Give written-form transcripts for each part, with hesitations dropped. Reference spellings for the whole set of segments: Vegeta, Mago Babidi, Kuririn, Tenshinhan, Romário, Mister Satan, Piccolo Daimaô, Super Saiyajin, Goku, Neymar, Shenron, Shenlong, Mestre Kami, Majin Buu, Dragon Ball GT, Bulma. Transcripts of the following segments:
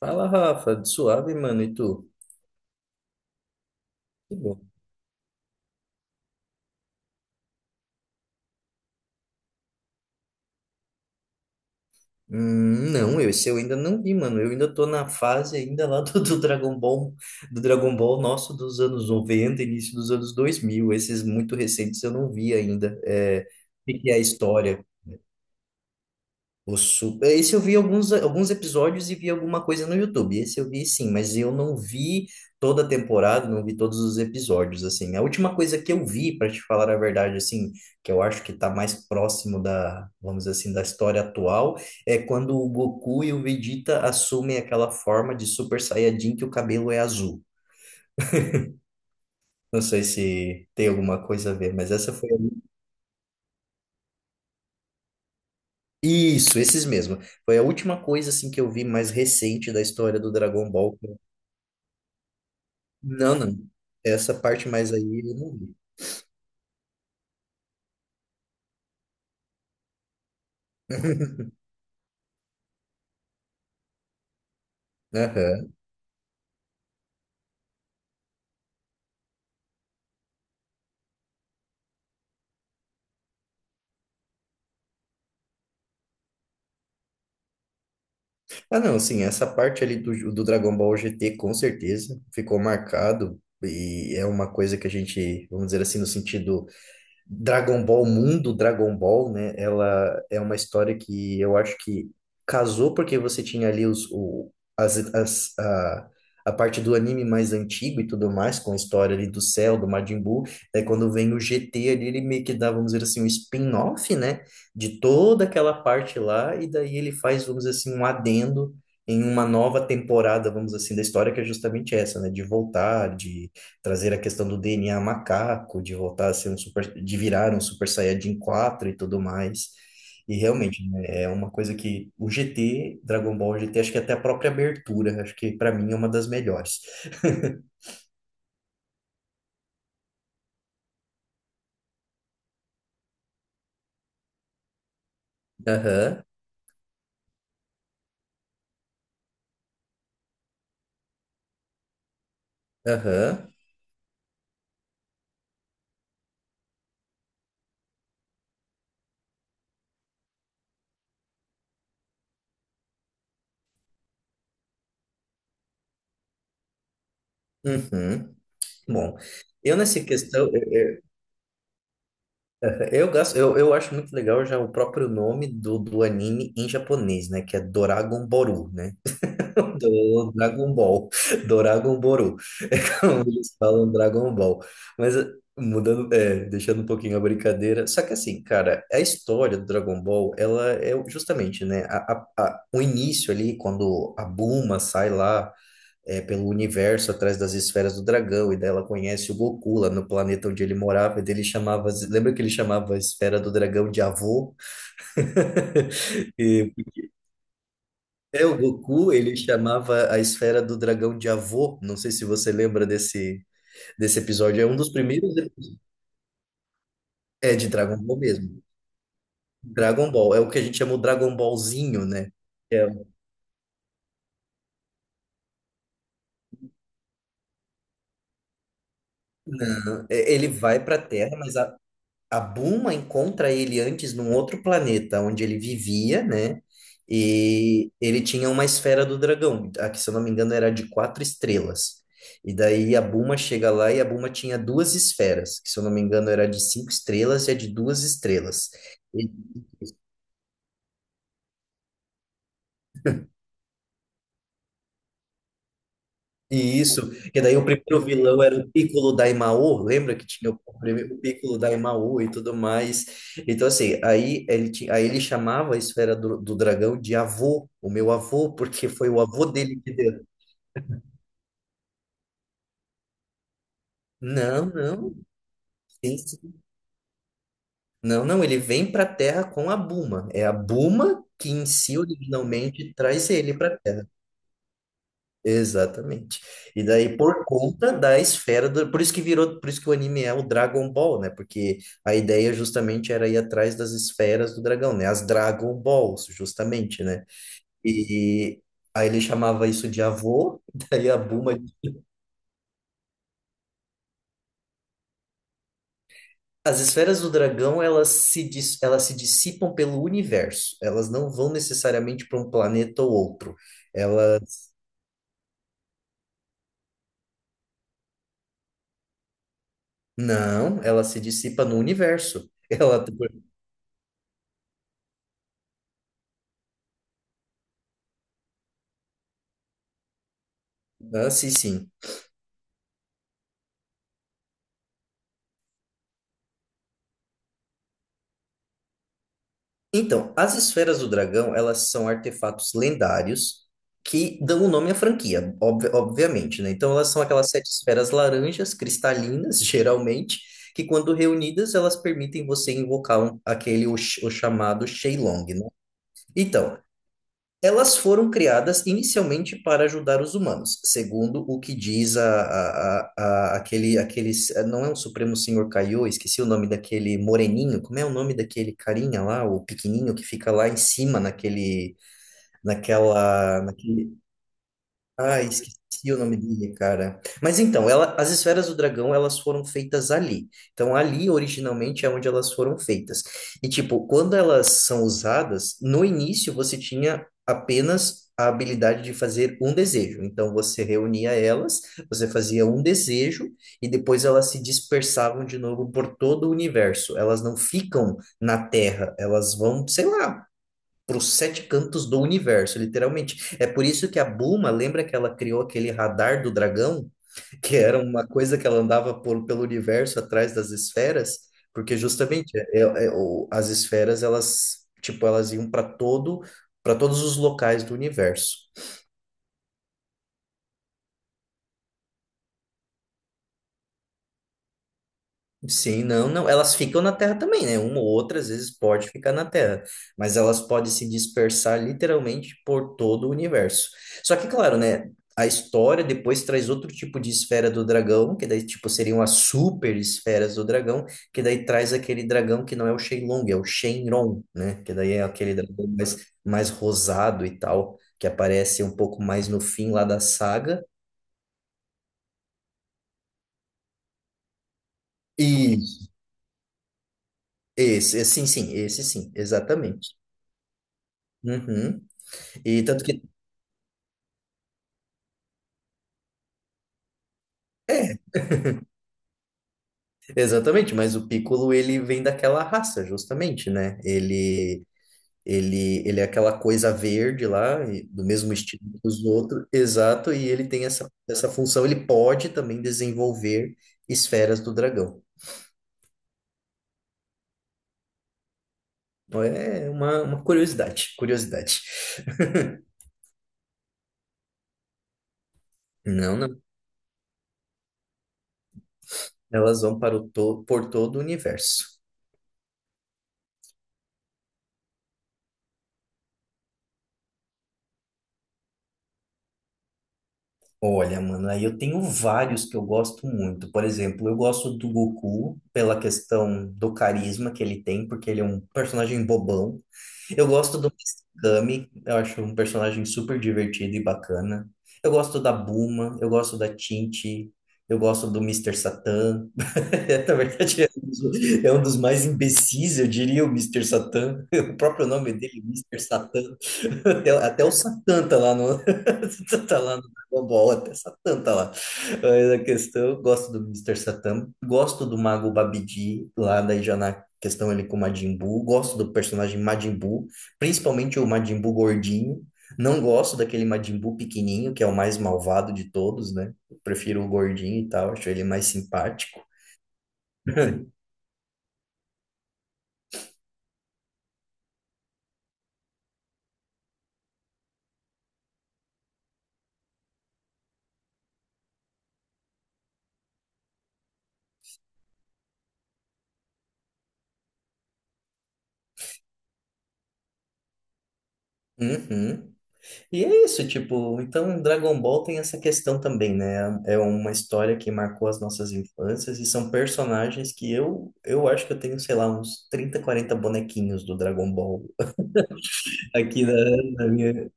Fala, Rafa, de suave, mano, e tu? Que bom. Não, esse eu ainda não vi, mano. Eu ainda tô na fase ainda lá do Dragon Ball, do Dragon Ball nosso dos anos 90, início dos anos 2000. Esses muito recentes eu não vi ainda. É, o que que é a história? Esse eu vi alguns episódios e vi alguma coisa no YouTube. Esse eu vi, sim, mas eu não vi toda a temporada, não vi todos os episódios, assim. A última coisa que eu vi, para te falar a verdade, assim, que eu acho que tá mais próximo da, vamos dizer assim, da história atual, é quando o Goku e o Vegeta assumem aquela forma de Super Saiyajin que o cabelo é azul. Não sei se tem alguma coisa a ver, mas essa foi a. Isso, esses mesmo. Foi a última coisa assim que eu vi mais recente da história do Dragon Ball. Não, não. Essa parte mais aí eu não vi. Aham. Ah, não, sim, essa parte ali do Dragon Ball GT com certeza ficou marcado e é uma coisa que a gente, vamos dizer assim, no sentido. Dragon Ball Mundo, Dragon Ball, né? Ela é uma história que eu acho que casou porque você tinha ali os, o, as, a parte do anime mais antigo e tudo mais, com a história ali do Cell, do Majin Buu. Aí quando vem o GT ali, ele meio que dá, vamos dizer assim, um spin-off, né? De toda aquela parte lá, e daí ele faz, vamos dizer assim, um adendo em uma nova temporada, vamos dizer assim, da história, que é justamente essa, né? De voltar, de trazer a questão do DNA macaco, de voltar a ser um super, de virar um Super Saiyajin 4 e tudo mais. E realmente, né, é uma coisa que o GT, Dragon Ball GT, acho que até a própria abertura, acho que pra mim é uma das melhores. Aham, aham, uhum. Bom, eu nessa questão, eu eu acho muito legal já o próprio nome do anime em japonês, né, que é Doragon Boru, né? Do Dragon Ball, Dragon Boru, é como eles falam Dragon Ball. Mas mudando, é, deixando um pouquinho a brincadeira. Só que assim, cara, a história do Dragon Ball, ela é justamente, né, o início ali, quando a Bulma sai lá é, pelo universo atrás das esferas do dragão, e daí ela conhece o Goku lá no planeta onde ele morava, e daí ele chamava, lembra que ele chamava a esfera do dragão de avô? É, o Goku, ele chamava a esfera do dragão de avô. Não sei se você lembra desse episódio. É um dos primeiros. É de Dragon Ball mesmo. Dragon Ball. É o que a gente chama o Dragon Ballzinho, né? É. Não, ele vai pra Terra, mas a Buma encontra ele antes num outro planeta onde ele vivia, né? E ele tinha uma esfera do dragão, a que, se eu não me engano, era de quatro estrelas. E daí a Buma chega lá e a Buma tinha duas esferas, que, se eu não me engano, era de cinco estrelas e a de duas estrelas. E isso, que daí o primeiro vilão era o Piccolo Daimaô, lembra que tinha o primeiro o Piccolo Daimaô e tudo mais. Então, assim, aí ele chamava a esfera do dragão de avô, o meu avô, porque foi o avô dele que deu. Não, não, sim, sim. Não, não, ele vem para a Terra com a Buma. É a Buma que em si originalmente traz ele para. Exatamente. E daí, por conta da esfera do. Por isso que virou, por isso que o anime é o Dragon Ball, né? Porque a ideia justamente era ir atrás das esferas do dragão, né? As Dragon Balls, justamente, né? E aí ele chamava isso de avô. Daí a Bulma. As esferas do dragão, elas se dissipam pelo universo. Elas não vão necessariamente para um planeta ou outro. Elas. Não, ela se dissipa no universo. Ela, tipo. Ah, sim, sim. Então, as esferas do dragão, elas são artefatos lendários que dão o nome à franquia, obviamente, né? Então, elas são aquelas sete esferas laranjas, cristalinas, geralmente, que quando reunidas, elas permitem você invocar o chamado Shenlong, né? Então, elas foram criadas inicialmente para ajudar os humanos, segundo o que diz aquele, não é um Supremo Senhor Kaiô, esqueci o nome daquele moreninho, como é o nome daquele carinha lá, o pequenininho que fica lá em cima naquele, naquela, naquele Esqueci o nome dele, cara. Mas então, as esferas do dragão, elas foram feitas ali. Então, ali originalmente é onde elas foram feitas. E tipo, quando elas são usadas, no início você tinha apenas a habilidade de fazer um desejo. Então, você reunia elas, você fazia um desejo e depois elas se dispersavam de novo por todo o universo. Elas não ficam na Terra, elas vão, sei lá, para os sete cantos do universo, literalmente. É por isso que a Buma lembra que ela criou aquele radar do dragão, que era uma coisa que ela andava pelo universo atrás das esferas, porque justamente as esferas, elas tipo elas iam para todos os locais do universo. Sim, não, não. Elas ficam na Terra também, né? Uma ou outra, às vezes, pode ficar na Terra, mas elas podem se dispersar literalmente por todo o universo. Só que, claro, né? A história depois traz outro tipo de esfera do dragão, que daí, tipo, seriam as super esferas do dragão, que daí traz aquele dragão que não é o Shenlong, é o Shenron, né? Que daí é aquele dragão mais rosado e tal, que aparece um pouco mais no fim lá da saga. E esse, sim, sim, esse sim, exatamente. Uhum. E tanto que, exatamente, mas o Piccolo ele vem daquela raça, justamente, né? Ele é aquela coisa verde lá, do mesmo estilo que os outros, exato, e ele tem essa função, ele pode também desenvolver esferas do dragão. Então, é uma curiosidade, curiosidade. Não, não, elas vão para o to por todo o universo. Olha, mano, aí eu tenho vários que eu gosto muito. Por exemplo, eu gosto do Goku pela questão do carisma que ele tem, porque ele é um personagem bobão. Eu gosto do Mestre Kami, eu acho um personagem super divertido e bacana. Eu gosto da Bulma, eu gosto da Tinte, eu gosto do Mister Satan. Na verdade, é um dos mais imbecis, eu diria, o Mister Satan. O próprio nome dele, Mister Satan. Até o Satã tá lá no. Tá lá no Dragon Ball, até Satã tá lá. Mas a questão, eu gosto do Mister Satã, gosto do Mago Babidi, lá daí já na questão ele com o Majin Buu, gosto do personagem Majin Buu, principalmente o Majin Buu gordinho. Não gosto daquele Majin Buu pequenininho, que é o mais malvado de todos, né? Eu prefiro o gordinho e tal, acho ele mais simpático. Uhum. E é isso, tipo, então Dragon Ball tem essa questão também, né? É uma história que marcou as nossas infâncias e são personagens que eu acho que eu tenho, sei lá, uns 30, 40 bonequinhos do Dragon Ball aqui na minha,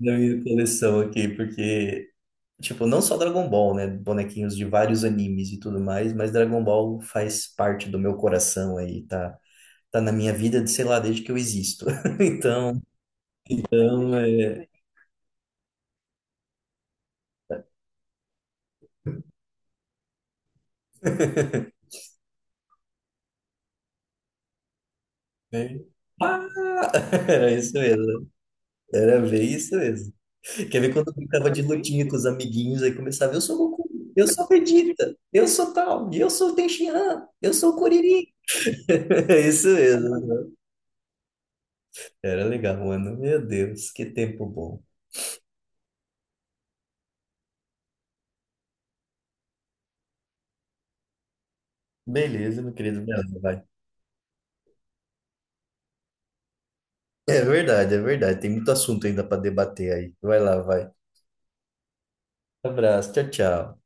na minha coleção aqui, porque, tipo, não só Dragon Ball, né? Bonequinhos de vários animes e tudo mais, mas Dragon Ball faz parte do meu coração aí, tá, tá na minha vida, de, sei lá, desde que eu existo. Então, então é- era isso mesmo. Era bem isso mesmo. Quer ver quando eu brincava de lutinha com os amiguinhos, aí começava, eu sou Goku, eu sou Vegeta, eu sou tal, eu sou o Tenshinhan, eu sou o Kuririn. É isso mesmo. Era legal, mano. Meu Deus, que tempo bom. Beleza, meu querido. Vai, lá, vai. É verdade, é verdade. Tem muito assunto ainda para debater aí. Vai lá, vai. Abraço, tchau, tchau.